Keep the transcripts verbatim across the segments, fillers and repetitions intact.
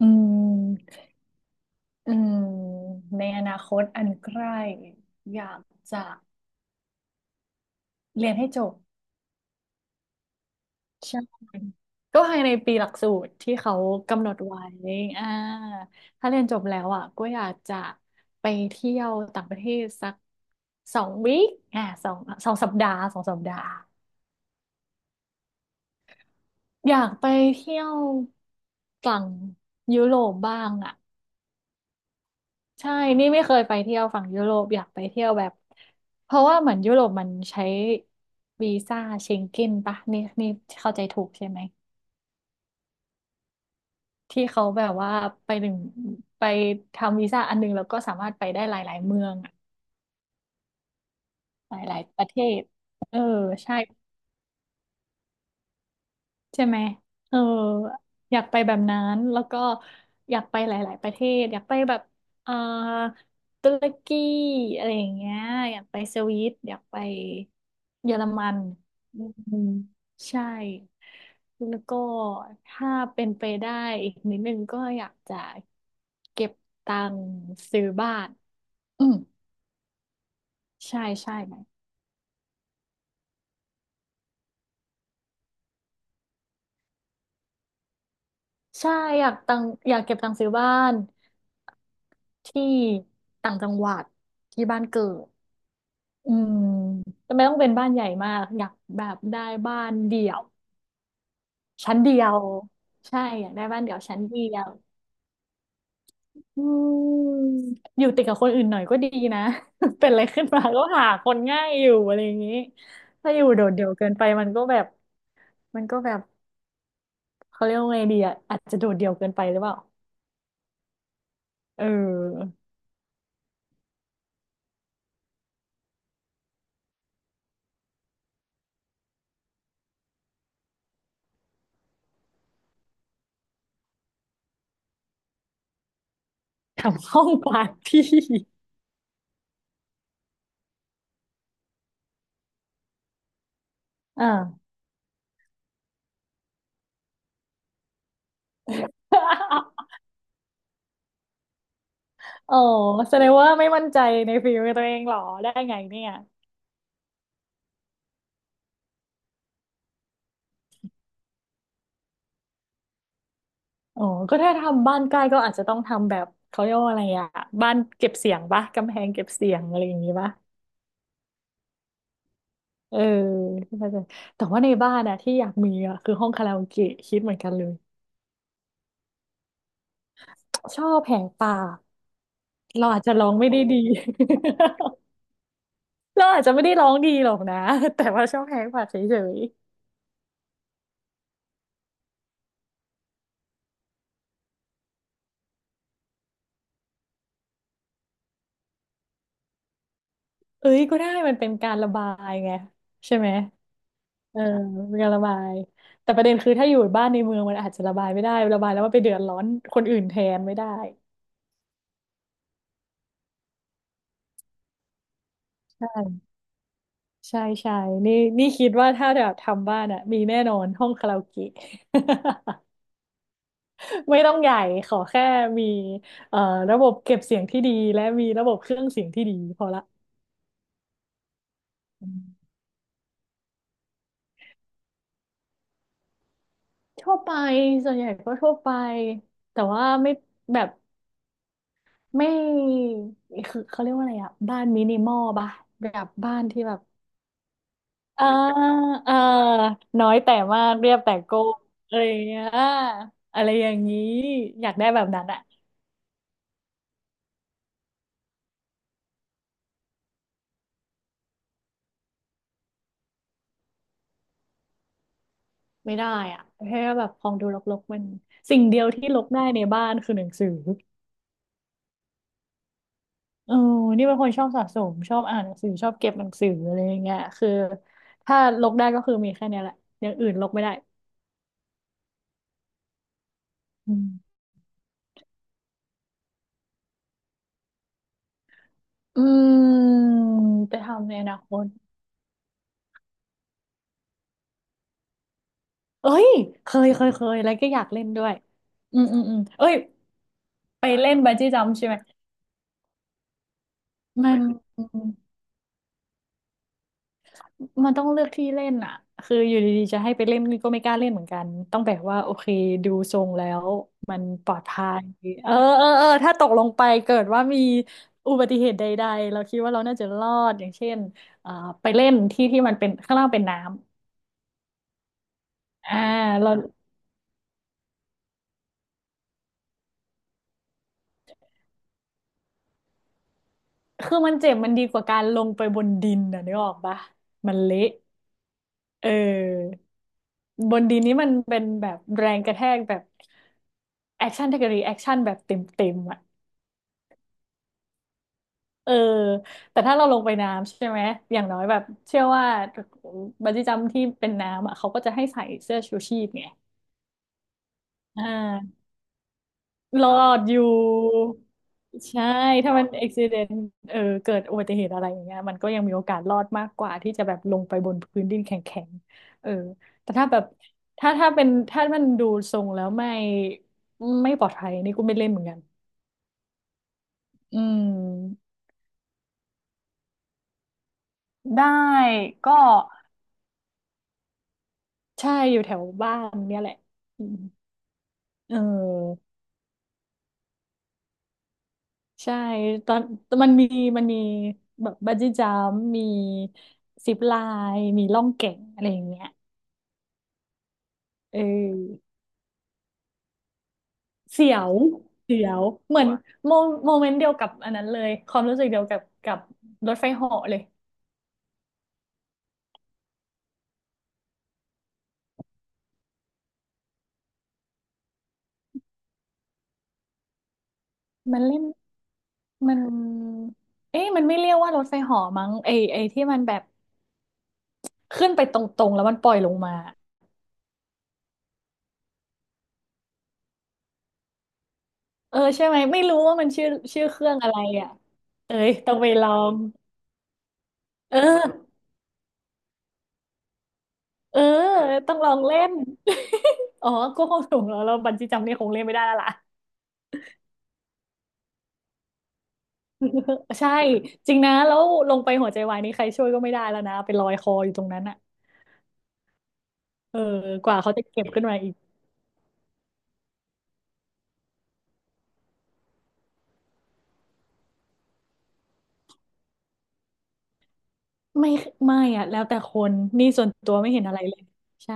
อืมอืมในอนาคตอันใกล้อยากจะเรียนให้จบใช่ก็ภายในปีหลักสูตรที่เขากำหนดไว้อ่าถ้าเรียนจบแล้วอ่ะก็อยากจะไปเที่ยวต่างประเทศสักสองวีคอ่าสองสองสัปดาห์สองสัปดาห์อยากไปเที่ยวฝั่งยุโรปบ้างอ่ะ ใช่ นี่ไม่เคยไปเที่ยวฝั่งยุโรปอยากไปเที่ยวแบบ เพราะว่าเหมือนยุโรปมันใช้วีซ่าเชงเก้นปะนี่นี่เข้าใจถูกใช่ไหมที่เขาแบบว่าไปหนึ่งไปทำวีซ่าอันหนึงแล้วก็สามารถไปได้หลายๆเมืองอะหลายๆประเทศเออใช่ ใช่ไหมเอออยากไปแบบนั้นแล้วก็อยากไปหลายๆประเทศ อยากไปแบบเอ่อตุรกีอะไรอย่างเงี้ยอยากไปสวิตอยากไปเยอรมันอืมใช่แล้วก็ถ้าเป็นไปได้อีกนิดนึงก็อยากจะเก็บตังค์ซื้อบ้านอืมใช่ใช่ไหมใช่อยากตังอยากเก็บตังค์ซื้อบ้านที่ต่างจังหวัดที่บ้านเกิด อืมแต่ไม่ต้องเป็นบ้านใหญ่มากอยากแบบได้บ้านเดี่ยวชั้นเดียวใช่อยากได้บ้านเดี่ยวชั้นเดียวอืมอยู่ติดกับคนอื่นหน่อยก็ดีนะ เป็นอะไรขึ้นมาก็หาคนง่ายอยู่อะไรอย่างนี้ถ้าอยู่โดดเดี่ยวเกินไปมันก็แบบมันก็แบบเขาเรียกว่าไงดีอ่ะอาจจะโดดเดี่ยวเกินไปหรือเปล่าเออทำห้องปาร์ตี้ อ่า อ๋อแสดงว่าไม่มั่นใจในฝีมือตัวเองเหรอได้ไงเนี่ย อ๋อก็ถ้าทำบ้านใกล้ก็อาจจะต้องทำแบบเขาเรียกว่าอะไรอะบ้านเก็บเสียงปะกำแพงเก็บเสียงอะไรอย่างงี้ปะเออเข้าใจแต่ว่าในบ้านอะที่อยากมีอะคือห้องคาราโอเกะคิดเหมือนกันเลยชอบแหกปากเราอาจจะร้องไม่ได้ดี เราอาจจะไม่ได้ร้องดีหรอกนะ แต่ว่าชอบแหกปากเฉยๆเอ้ยก็ได้มันเป็นการระบายไงใช่ไหมเออเป็นการระบายแต่ประเด็นคือถ้าอยู่บ้านในเมืองมันอาจจะระบายไม่ได้ระบายแล้วมันไปเดือดร้อนคนอื่นแทนไม่ได้ ใช่ใช่นี่นี่คิดว่าถ้าแบบทำบ้านอ่ะมีแน่นอนห้องคาราโอเกะ ไม่ต้องใหญ่ขอแค่มีเอ่อระบบเก็บเสียงที่ดีและมีระบบเครื่องเสียงที่ดีพอละอืมทั่วไปส่วนใหญ่ก็ทั่วไปแต่ว่าไม่แบบไม่คือเขาเรียกว่าอะไรอ่ะบ้านมินิมอลป่ะแบบบ้านที่แบบเออเออน้อยแต่มากเรียบแต่โก้อะไรอย่างเงี้ยอะไรอย่างนี้อยากได้แบบนั้นอะ ไม่ได้อ่ะแค่แบบของดูรกๆมันสิ่งเดียวที่รกได้ในบ้านคือหนังสือเออนี่เป็นคนชอบสะสมชอบอ่านหนังสือชอบเก็บหนังสืออะไรอย่างเงี้ยคือถ้าลกได้ก็คือมีแค่เนี้ยแหละอย่างอื่นลกไม่ได้อืมอืมจะทำในอนาคตเอ้ยเคยเคยเคยแล้วก็อยากเล่นด้วยอืมอืมอืมเอ้ยไปเล่นบันจี้จัมพ์ใช่ไหมมัน มันต้องเลือกที่เล่นอ่ะคืออยู่ดีๆจะให้ไปเล่นก็ไม่กล้าเล่นเหมือนกันต้องแบบว่าโอเคดูทรงแล้วมันปลอดภัยเออเออเออถ้าตกลงไปเกิดว่ามีอุบัติเหตุใดๆเราคิดว่าเราน่าจะรอดอย่างเช่นเอ่อไปเล่นที่ที่มันเป็นข้างล่างเป็นน้ำอ่าเราคือมันเจ็บมันดีกว่าการลงไปบนดินนะนึกออกปะมันเละเออบนดินนี้มันเป็นแบบแรงกระแทกแบบแอคชั่นแทกรีแอคชั่นแบบเต็มๆอ่ะ เออแต่ถ้าเราลงไปน้ำใช่ไหมอย่างน้อยแบบเชื่อว่าบันจี้จัมพ์ที่เป็นน้ำอ่ะเขาก็จะให้ใส่เสื้อชูชีพไงอ่ารอดอยู่ใช่ถ้ามันอุบิเหตุเออเกิดอุบัติเหตุอะไรอย่างเงี้ยมันก็ยังมีโอกาสรอดมากกว่าที่จะแบบลงไปบนพื้นดินแข็งๆเออแต่ถ้าแบบถ้าถ้าเป็นถ้ามันดูทรงแล้วไม่ไม่ปลอดภัยนี่กูไม่เล่นเหมือนกันอืมได้ก็ ใช่อยู่แถวบ้านเนี่ยแหละอืมเออใช่ตอนมันมีมันมีแบบบันจี้จัมป์มีซิปไลน์มีล่องแก่งอะไรอย่างเงี้ยเออเสียวเสียว เหมือนโมโมเมนต์เดียวกับอันนั้นเลย ความรู้สึกเดียวกับกับรถไฟเหาะเลยมันเล่นมันเอ๊ะมันไม่เรียกว่ารถไฟเหาะมั้งไอไอที่มันแบบขึ้นไปตรงๆแล้วมันปล่อยลงมา เออใช่ไหมไม่รู้ว่ามันชื่อชื่อเครื่องอะไรอ่ะเอ้ยต้องไปลองเออเออต้องลองเล่น อ๋อก็คงถูกแล้วเราบันจี้จัมป์นี่คงเล่นไม่ได้แล้วล่ะใช่จริงนะแล้วลงไปหัวใจวายนี่ใครช่วยก็ไม่ได้แล้วนะไปลอยคออยู่ตรงนั้นอ่ะเออกว่าเขาจะเก็บขึ้นมาอีกไม่ไม่อ่ะแล้วแต่คนนี่ส่วนตัวไม่เห็นอะไรเลยใช่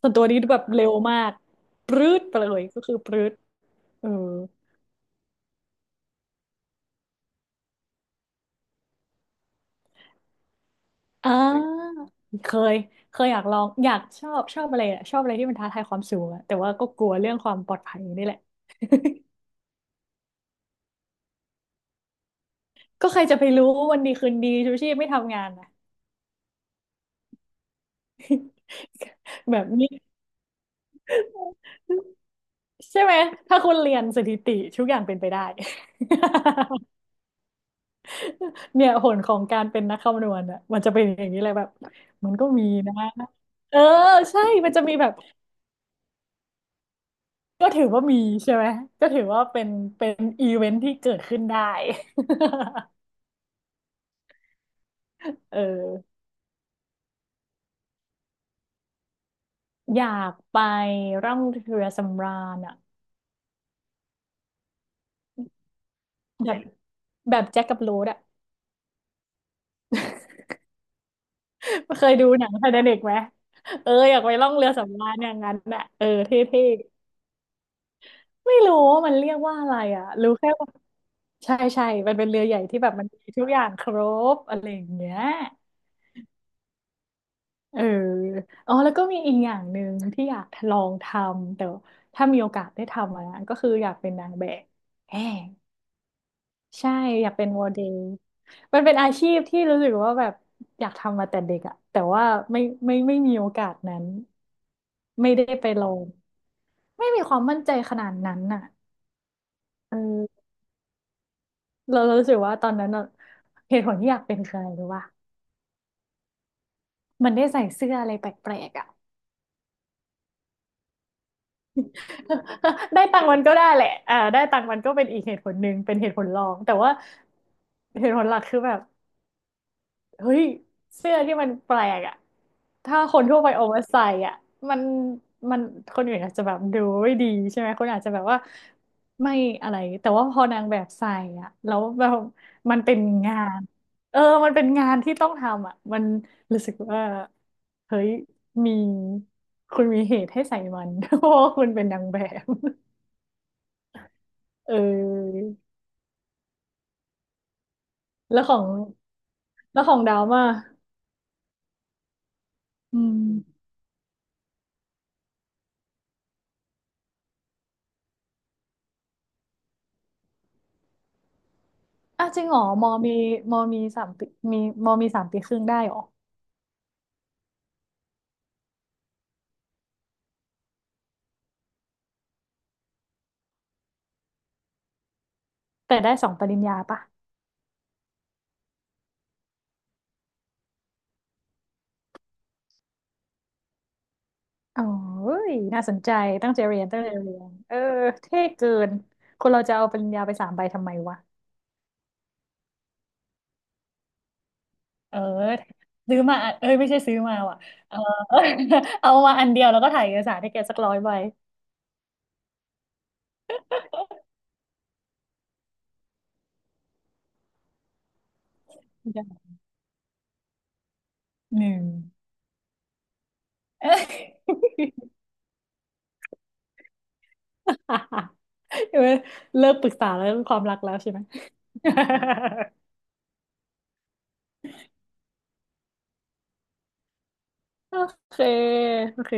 ส่วนตัวนี้แบบเร็วมากปรื๊ดไปเลยก็คือปรื๊ดเออ อ่าเคยเคยอยากลองอยากชอบชอบอะไรอะชอบอะไรที่มันท้าทายความสูงอะแต่ว่าก็กลัวเรื่องความปลอดภัยนี่แหละ ก็ใครจะไปรู้วันดีคืนดีชูชีพไม่ทำงานนะแบบนี้ใช่ไหมถ้าคุณเรียนสถิติทุกอย่างเป็นไปได้ เนี่ยผลของการเป็นนักคำนวณอ่ะมันจะเป็นอย่างนี้เลยแบบมันก็มีนะเออใช่มันจะมีแบบก็ถือว่ามีใช่ไหมก็ถือว่าเป็นเป็นอีเวนท์ที่เกิดขึ้นได้ เออ อยากไปร่องเรือสำราญอ่ะแบบแบบแจ็คกับโรสอ่ะ เคยดูหนังไททานิกไหมเอออยากไปร่องเรือสำราญอย่างนั้นอ่ะเออเท่ๆไม่รู้ว่ามันเรียกว่าอะไรอ่ะรู้แค่ว่าใช่ใช่มันเป็นเรือใหญ่ที่แบบมันมีทุกอย่างครบอะไรอย่างเงี้ยเอออ๋อแล้วก็มีอีกอย่างหนึ่งที่อยากลองทำแต่ถ้ามีโอกาสได้ทำอะนะก็คืออยากเป็นนางแบบแหม ใช่อยากเป็นโมเดลมันเป็นอาชีพที่รู้สึกว่าแบบอยากทำมาแต่เด็กอะแต่ว่าไม่ไม่ไม่มีโอกาสนั้นไม่ได้ไปลองไม่มีความมั่นใจขนาดนั้นน่ะเออเราเรารู้สึกว่าตอนนั้นอะเหตุผลที่อยากเป็นคืออะไรรู้ป่ะมันได้ใส่เสื้ออะไรแปลกๆอะ ได้ตังค์มันก็ได้แหละอ่าได้ตังค์มันก็เป็นอีกเหตุผลหนึ่งเป็นเหตุผลรองแต่ว่าเหตุผลหลักคือแบบ เฮ้ยเสื้อที่มันแปลกอะถ้าคนทั่วไปโอเวอร์ไซส์อะมันมันคนอื่นอาจจะแบบดูไม่ดีใช่ไหมคนอาจจะแบบว่าไม่อะไรแต่ว่าพอนางแบบใส่อะแล้วแบบมันเป็นงานเออมันเป็นงานที่ต้องทำอะมันรู้สึกว่าเฮ้ยมีคุณมีเหตุให้ใส่มัน เพราะว่าคุณเป็นนางแบบเออแล้วของแล้วของดาวมาอืม อ่ะจริงเหรอมอมีมอมีสามปีมีมอมีสามปีครึ่งได้เหรอแต่ได้สองปริญญาปะอ๋อเอ้ยน่าสนใจ ตั้งใจเรียนตั้งใจเรียนเออเท่เกินคนเราจะเอาปริญญาไปสามใบทำไมวะเออซื้อมาอะเอ้ยไม่ใช่ซื้อมาว่ะเออ เอามาอันเดียวแล้วก็ถ่ายเอกสารให้แกสักร้อยใบหนึ่ง เออเลิกปรึกษาแล้วเรื่องความรักแล้วใช่ไหม โอเคโอเค